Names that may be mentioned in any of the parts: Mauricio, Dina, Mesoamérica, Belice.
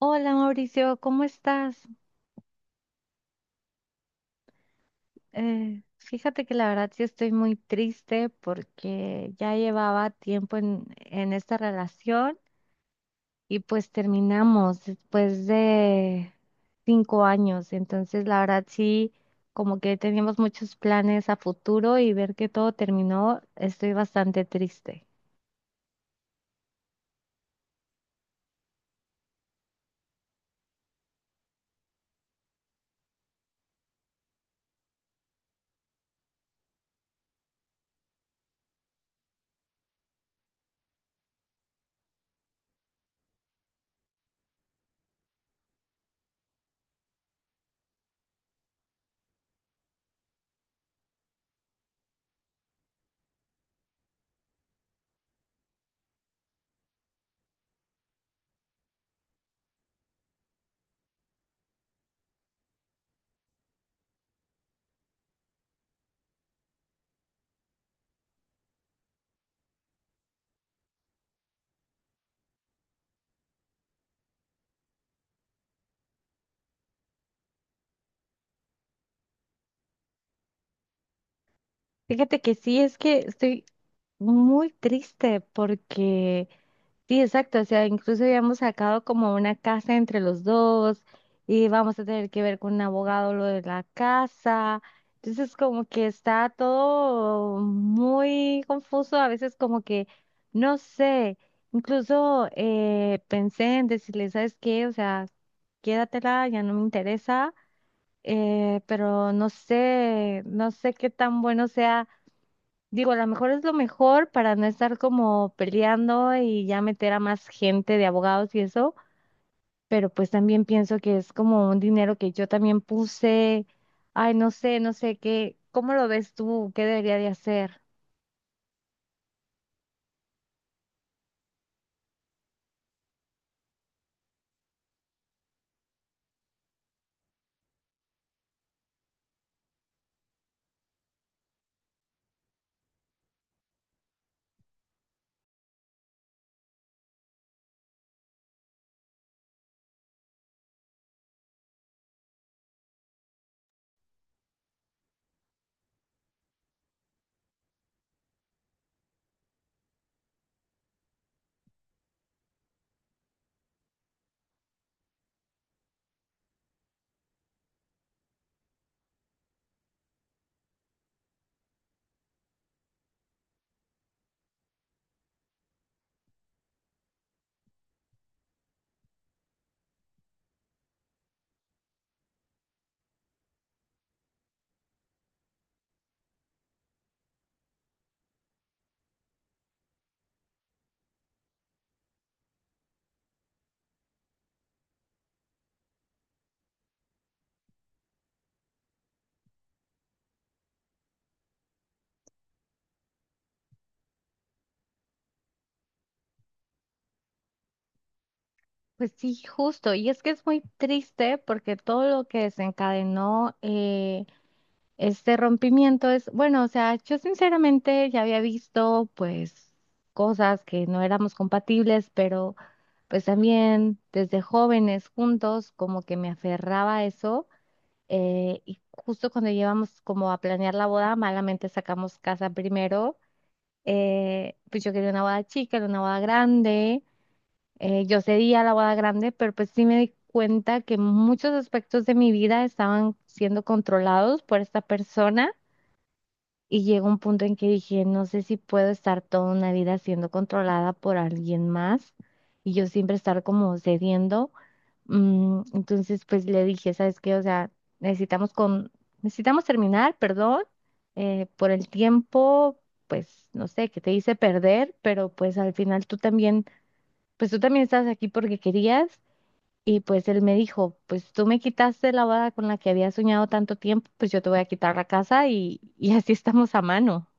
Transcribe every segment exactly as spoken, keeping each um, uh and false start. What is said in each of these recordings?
Hola Mauricio, ¿cómo estás? Eh, fíjate que la verdad sí estoy muy triste porque ya llevaba tiempo en, en esta relación y pues terminamos después de cinco años. Entonces la verdad sí, como que teníamos muchos planes a futuro y ver que todo terminó, estoy bastante triste. Fíjate que sí, es que estoy muy triste porque… Sí, exacto. O sea, incluso habíamos sacado como una casa entre los dos y vamos a tener que ver con un abogado lo de la casa. Entonces, como que está todo muy confuso. A veces como que, no sé, incluso eh, pensé en decirle, ¿sabes qué? O sea, quédatela, ya no me interesa, eh, pero no sé, no sé qué tan bueno sea. Digo, a lo mejor es lo mejor para no estar como peleando y ya meter a más gente de abogados y eso, pero pues también pienso que es como un dinero que yo también puse. Ay, no sé, no sé qué, ¿cómo lo ves tú? ¿Qué debería de hacer? Pues sí, justo. Y es que es muy triste porque todo lo que desencadenó eh, este rompimiento es, bueno, o sea, yo sinceramente ya había visto pues cosas que no éramos compatibles, pero… pues también desde jóvenes juntos, como que me aferraba a eso. Eh, y justo cuando llevamos como a planear la boda, malamente sacamos casa primero. Eh, pues yo quería una boda chica, era una boda grande. Eh, yo cedía a la boda grande, pero pues sí me di cuenta que muchos aspectos de mi vida estaban siendo controlados por esta persona y llegó un punto en que dije, no sé si puedo estar toda una vida siendo controlada por alguien más y yo siempre estar como cediendo. Mm, entonces, pues le dije, ¿sabes qué? O sea, necesitamos con, necesitamos terminar, perdón, eh, por el tiempo, pues no sé, que te hice perder, pero pues al final tú también, pues tú también estás aquí porque querías. Y pues él me dijo, pues tú me quitaste la boda con la que había soñado tanto tiempo, pues yo te voy a quitar la casa y, y así estamos a mano.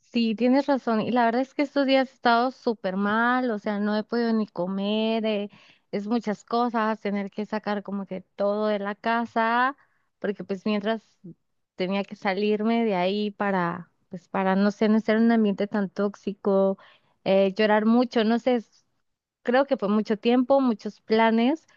Sí, tienes razón. Y la verdad es que estos días he estado súper mal, o sea, no he podido ni comer, eh, es muchas cosas, tener que sacar como que todo de la casa, porque pues mientras tenía que salirme de ahí para, pues para, no sé, no estar en un ambiente tan tóxico, eh, llorar mucho, no sé, es- creo que fue mucho tiempo, muchos planes.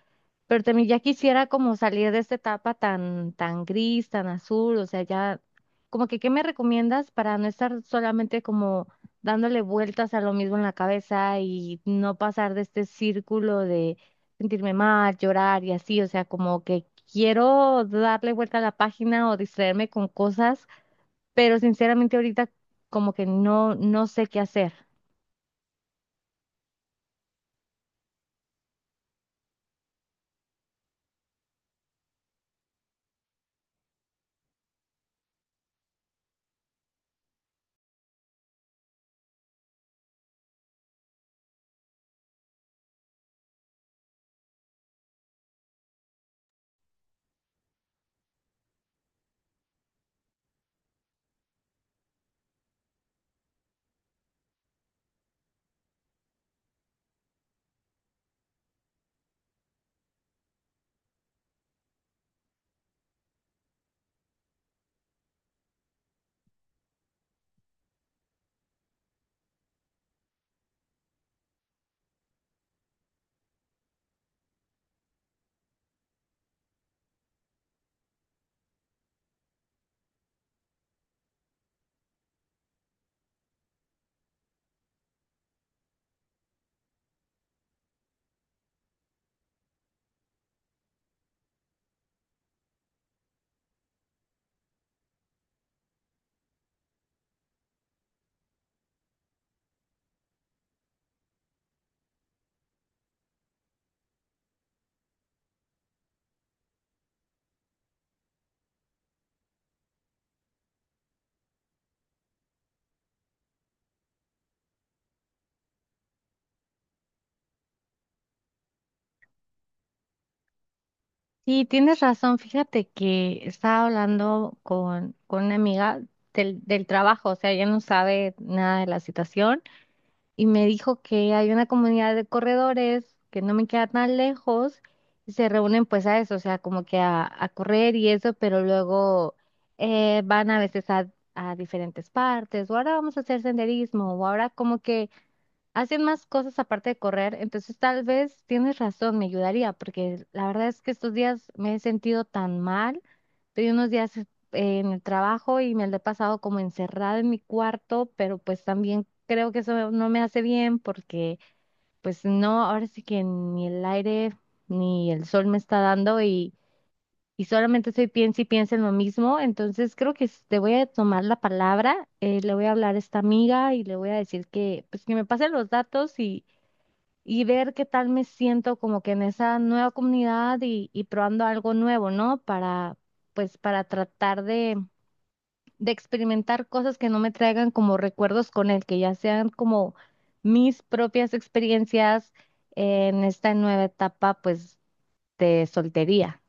Pero también ya quisiera como salir de esta etapa tan, tan gris, tan azul, o sea, ya, como que, ¿qué me recomiendas para no estar solamente como dándole vueltas a lo mismo en la cabeza y no pasar de este círculo de sentirme mal, llorar y así? O sea, como que quiero darle vuelta a la página o distraerme con cosas, pero sinceramente ahorita como que no, no sé qué hacer. Sí, tienes razón. Fíjate que estaba hablando con, con una amiga del, del trabajo, o sea, ella no sabe nada de la situación y me dijo que hay una comunidad de corredores que no me queda tan lejos y se reúnen pues a eso, o sea, como que a, a correr y eso, pero luego eh, van a veces a, a diferentes partes o ahora vamos a hacer senderismo o ahora como que hacen más cosas aparte de correr, entonces tal vez tienes razón, me ayudaría, porque la verdad es que estos días me he sentido tan mal. Estoy unos días eh, en el trabajo y me lo he pasado como encerrada en mi cuarto, pero pues también creo que eso no me hace bien porque pues no, ahora sí que ni el aire ni el sol me está dando y, y solamente estoy piensa y piensa en lo mismo, entonces creo que s- te voy a tomar la palabra, eh, le voy a hablar a esta amiga y le voy a decir que pues que me pase los datos y ver qué tal me siento como que en esa nueva comunidad y, y probando algo nuevo, ¿no? Para, pues, para tratar de, de experimentar cosas que no me traigan como recuerdos con él, que ya sean como mis propias experiencias en esta nueva etapa, pues, de soltería.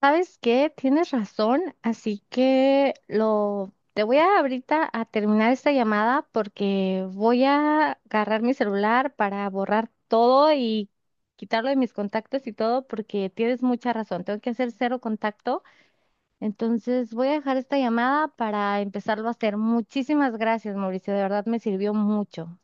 ¿Sabes qué? Tienes razón, así que lo te voy a ahorita a terminar esta llamada porque voy a agarrar mi celular para borrar todo y quitarlo de mis contactos y todo porque tienes mucha razón, tengo que hacer cero contacto, entonces voy a dejar esta llamada para empezarlo a hacer. Muchísimas gracias, Mauricio, de verdad me sirvió mucho.